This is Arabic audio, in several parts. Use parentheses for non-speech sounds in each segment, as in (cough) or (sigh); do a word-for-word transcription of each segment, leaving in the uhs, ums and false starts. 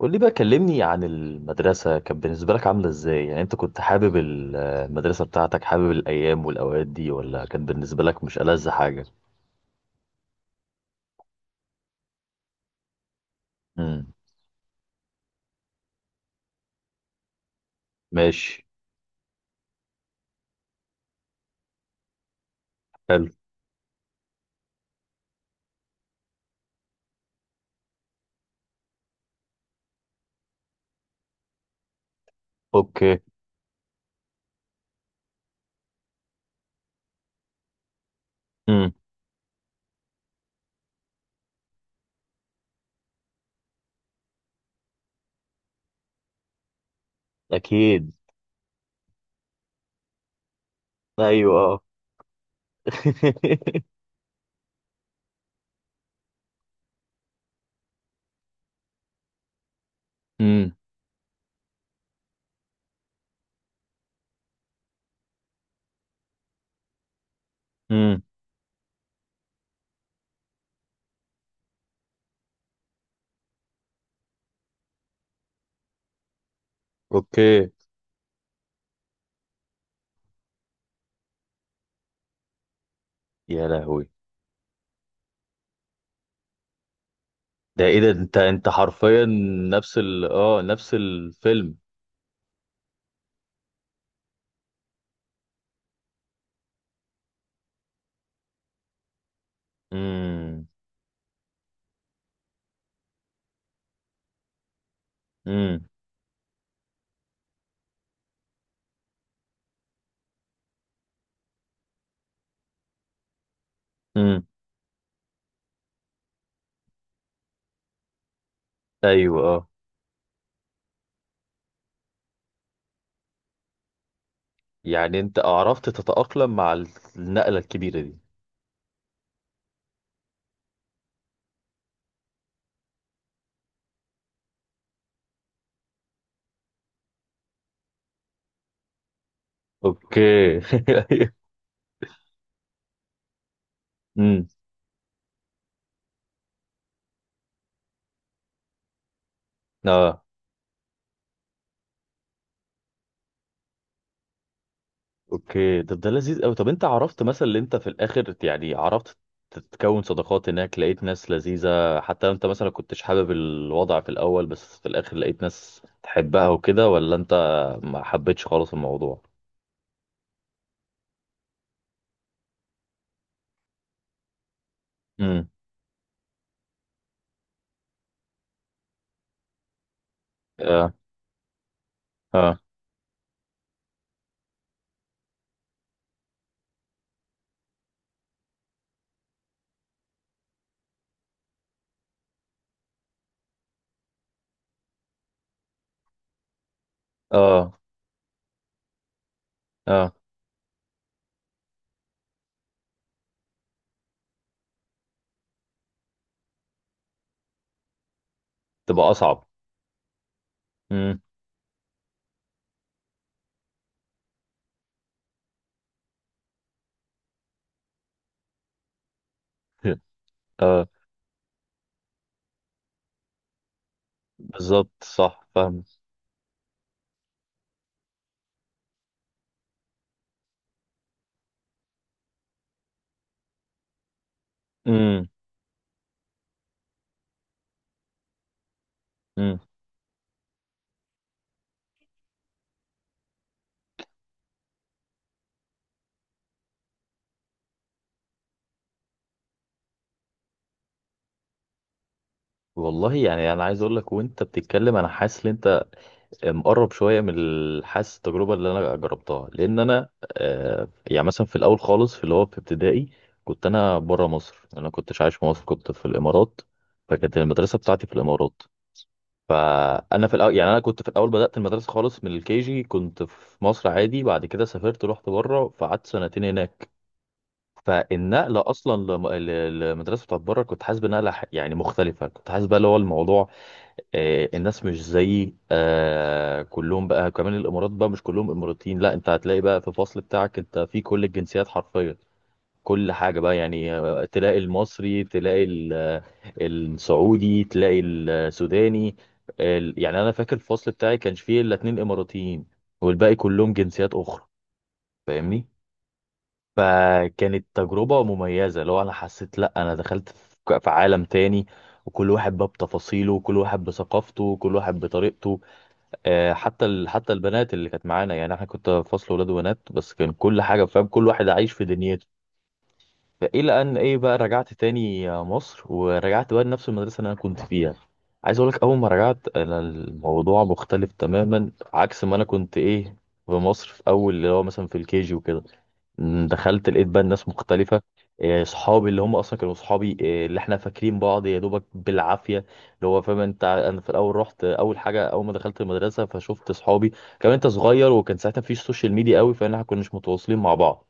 قول لي بقى، كلمني عن المدرسة. كانت بالنسبة لك عاملة ازاي؟ يعني انت كنت حابب ال- آه، المدرسة بتاعتك؟ حابب الأيام والأوقات دي، ولا كانت بالنسبة لك مش ألذ حاجة؟ امم. ماشي. حلو. اوكي. امم. اكيد. ايوه، اه. (laughs) امم. امم. اوكي. يا لهوي! ده ايه ده؟ انت انت حرفيا نفس ال اه نفس الفيلم. امم. امم. امم. ايوه، اه. يعني انت عرفت تتأقلم مع النقلة الكبيرة دي؟ اوكي. (laughs) امم. اه. اوكي. طب ده لذيذ قوي. طب انت عرفت مثلا، اللي انت في الاخر، يعني عرفت تتكون صداقات هناك؟ لقيت ناس لذيذة حتى لو انت مثلا كنتش حابب الوضع في الاول، بس في الاخر لقيت ناس تحبها وكده؟ ولا انت ما حبيتش خالص الموضوع؟ امم. اه. اه. اه. اه. تبقى اصعب. امم. (laughs) اه. بالظبط. صح، فاهم. امم. امم. والله يعني انا عايز اقول لك، وانت بتتكلم انا حاسس ان انت مقرب شويه من الحاسس التجربه اللي انا جربتها. لان انا آه، يعني مثلا في الاول خالص، في اللي هو في ابتدائي، كنت انا بره مصر. انا كنتش عايش في مصر، كنت في الامارات. فكانت المدرسه بتاعتي في الامارات. فانا في الاول يعني، انا كنت في الاول بدات المدرسه خالص من الكي جي كنت في مصر عادي. بعد كده سافرت، رحت بره، فقعدت سنتين هناك. فالنقله اصلا لم- ل- للمدرسه بتاعت بره كنت حاسس بنقله ح- يعني مختلفه. كنت حاسس بقى اللي هو الموضوع آه، الناس مش زي آه، كلهم. بقى كمان الامارات بقى مش كلهم اماراتيين، لا انت هتلاقي بقى في الفصل بتاعك انت في كل الجنسيات حرفيا. كل حاجة بقى، يعني آه، تلاقي المصري، تلاقي ال- آه، السعودي، تلاقي السوداني. ال- يعني انا فاكر الفصل بتاعي كانش فيه الا اتنين اماراتيين، والباقي كلهم جنسيات اخرى، فاهمني؟ فكانت تجربة مميزة. لو انا حسيت، لا انا دخلت في في عالم تاني، وكل واحد بقى بتفاصيله، وكل واحد بثقافته، وكل واحد بطريقته. آه، حتى ال... حتى البنات اللي كانت معانا، يعني احنا كنت فصل ولاد وبنات، بس كان كل حاجه فاهم، كل واحد عايش في دنيته. فالى ان ايه بقى، رجعت تاني مصر، ورجعت بقى لنفس المدرسه اللي انا كنت فيها. عايز اقول لك، اول ما رجعت انا الموضوع مختلف تماما عكس ما انا كنت ايه في مصر، في اول اللي هو مثلا في الكيجي وكده. م، دخلت لقيت بقى الناس مختلفة. آه، صحابي اللي هم اصلا كانوا صحابي، آه، اللي احنا فاكرين بعض يا دوبك بالعافية. اللي هو فاهم انت، انا في الاول رحت، آه، اول حاجة اول ما دخلت المدرسة فشفت صحابي. كمان انت صغير، وكان ساعتها مفيش سوشيال ميديا قوي، فاحنا كناش متواصلين مع بعض.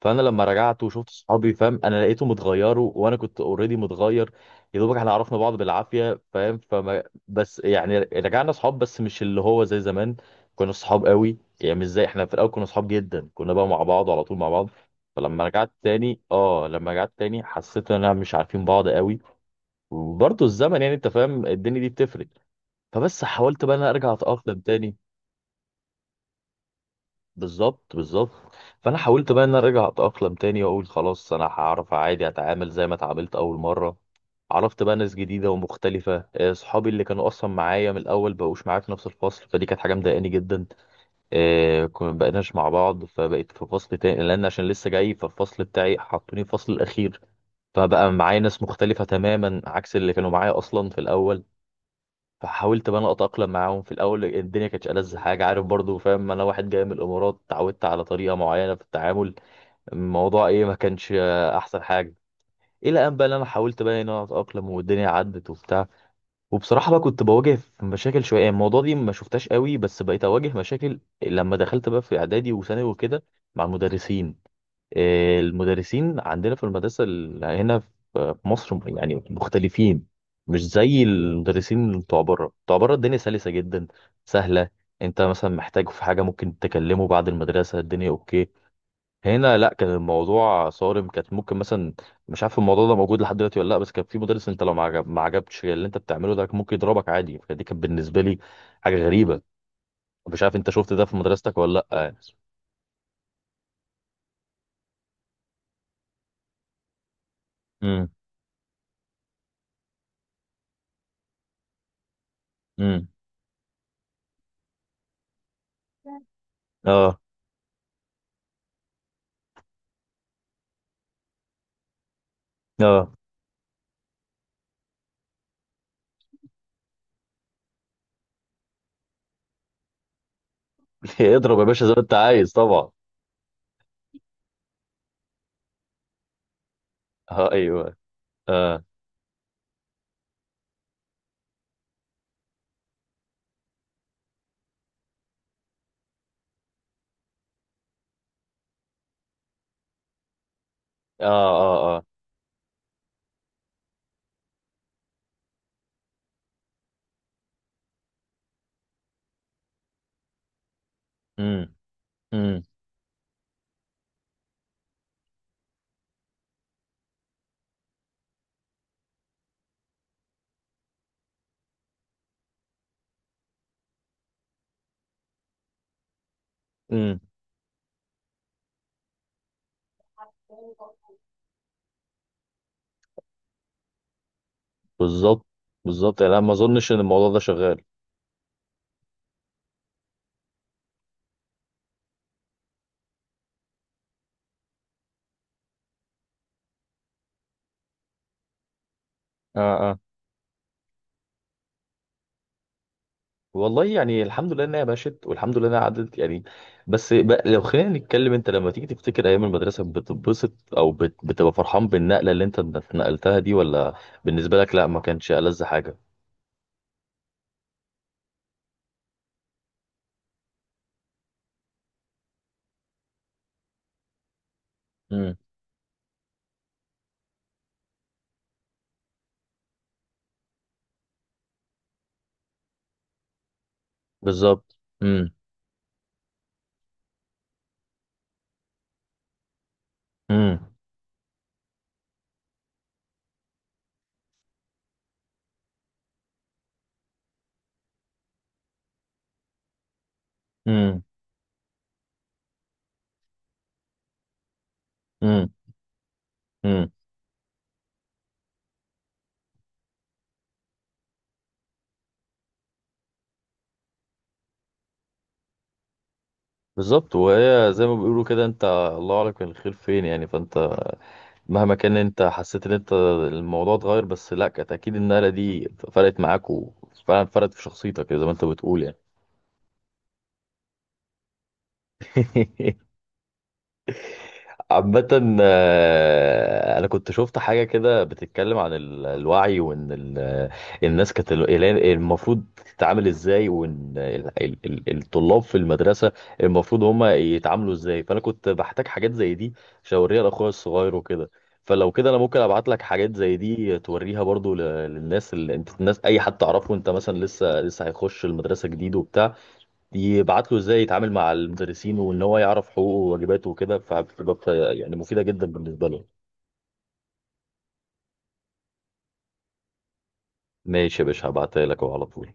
فانا لما رجعت وشفت صحابي فاهم، انا لقيته متغيروا، وانا كنت اوريدي متغير. يا دوبك احنا عرفنا بعض بالعافيه فاهم. فما بس يعني رجعنا صحاب، بس مش اللي هو زي زمان كنا صحاب قوي. يعني مش زي احنا في الاول كنا صحاب جدا، كنا بقى مع بعض وعلى طول مع بعض. فلما رجعت تاني اه لما رجعت تاني حسيت ان انا مش عارفين بعض قوي. وبرضه الزمن يعني، انت فاهم الدنيا دي بتفرق. فبس حاولت بقى إن انا ارجع اتاقلم تاني. بالظبط، بالظبط. فانا حاولت بقى ان انا ارجع اتاقلم تاني، واقول خلاص انا هعرف عادي اتعامل زي ما اتعاملت اول مره. عرفت بقى ناس جديده ومختلفه. آه، صحابي اللي كانوا اصلا معايا من الاول بقوش معايا في نفس الفصل، فدي كانت حاجه مضايقاني جدا. آه، كنا بقيناش مع بعض، فبقيت في فصل تاني لان عشان لسه جاي، فالفصل بتاعي حطوني في الفصل الاخير. فبقى معايا ناس مختلفه تماما عكس اللي كانوا معايا اصلا في الاول. فحاولت بقى انا اتاقلم معاهم. في الاول الدنيا كانتش ألذ حاجه، عارف برضو فاهم. انا واحد جاي من الامارات، اتعودت على طريقه معينه في التعامل. الموضوع ايه، ما كانش آه، احسن حاجه. الى ان بقى إن انا حاولت بقى ان انا اتاقلم، والدنيا عدت وبتاع. وبصراحه بقى كنت بواجه في مشاكل شويه. يعني الموضوع دي ما شفتهاش قوي، بس بقيت اواجه مشاكل لما دخلت بقى في اعدادي وثانوي وكده، مع المدرسين. آه، المدرسين عندنا في المدرسة ال- هنا في في مصر يعني مختلفين. مش زي المدرسين بتوع بره. بتوع بره الدنيا سلسة جدا، سهلة. انت مثلا محتاج في حاجة، ممكن تكلمه بعد المدرسة، الدنيا اوكي. هنا لا، كان الموضوع صارم. كانت ممكن مثلا، مش عارف الموضوع ده موجود لحد دلوقتي ولا لا، بس كان في مدرس انت لو ما عجب ما عجبتش اللي انت بتعمله ده، كان ممكن يضربك عادي. فدي كانت بالنسبة لي حاجة غريبة. مش عارف انت شفت ده في مدرستك ولا لا يعني؟ امم. امم. اه. اه. (laughs) اضرب يا باشا زي ما انت عايز طبعا. اه، ايوه. اه. اه. اه. اه. امم. امم. امم. بالظبط، بالظبط. يعني انا ما اظنش ان الموضوع ده شغال. اه. اه. والله يعني الحمد لله انها مشت، والحمد لله انها عدت يعني. بس بقى لو خلينا نتكلم، انت لما تيجي تفتكر ايام المدرسه بتتبسط، او بت- بتبقى فرحان بالنقله اللي انت اتنقلتها دي؟ ولا بالنسبه لك لا ما كانش ألذ حاجه؟ امم. بالظبط. امم. امم. امم. امم. بالظبط. وهي زي ما بيقولوا كده، انت الله اعلم كان الخير فين يعني. فانت مهما كان، انت حسيت ان انت الموضوع اتغير، بس لا كانت اكيد النقله دي فرقت معاك، وفعلا فرقت في شخصيتك زي ما انت بتقول يعني. (laughs) عامة آه، أنا كنت شفت حاجة كده بتتكلم عن ال- الوعي، وإن ال- الناس كانت ال- ال- المفروض تتعامل إزاي، وإن ال- ال- ال- الطلاب في المدرسة المفروض هما يتعاملوا إزاي. فأنا كنت بحتاج حاجات زي دي عشان أوريها لأخويا الصغير وكده. فلو كده أنا ممكن أبعت لك حاجات زي دي، توريها برضو ل- للناس اللي أنت، الناس أي حد تعرفه أنت، مثلا لسه لسه هيخش المدرسة جديد وبتاع، يبعت له ازاي يتعامل مع المدرسين، وان هو يعرف حقوقه وواجباته وكده. فبتبقى بت- يعني مفيده جدا بالنسبه له. ماشي يا باشا، هبعتها لك اهو على طول.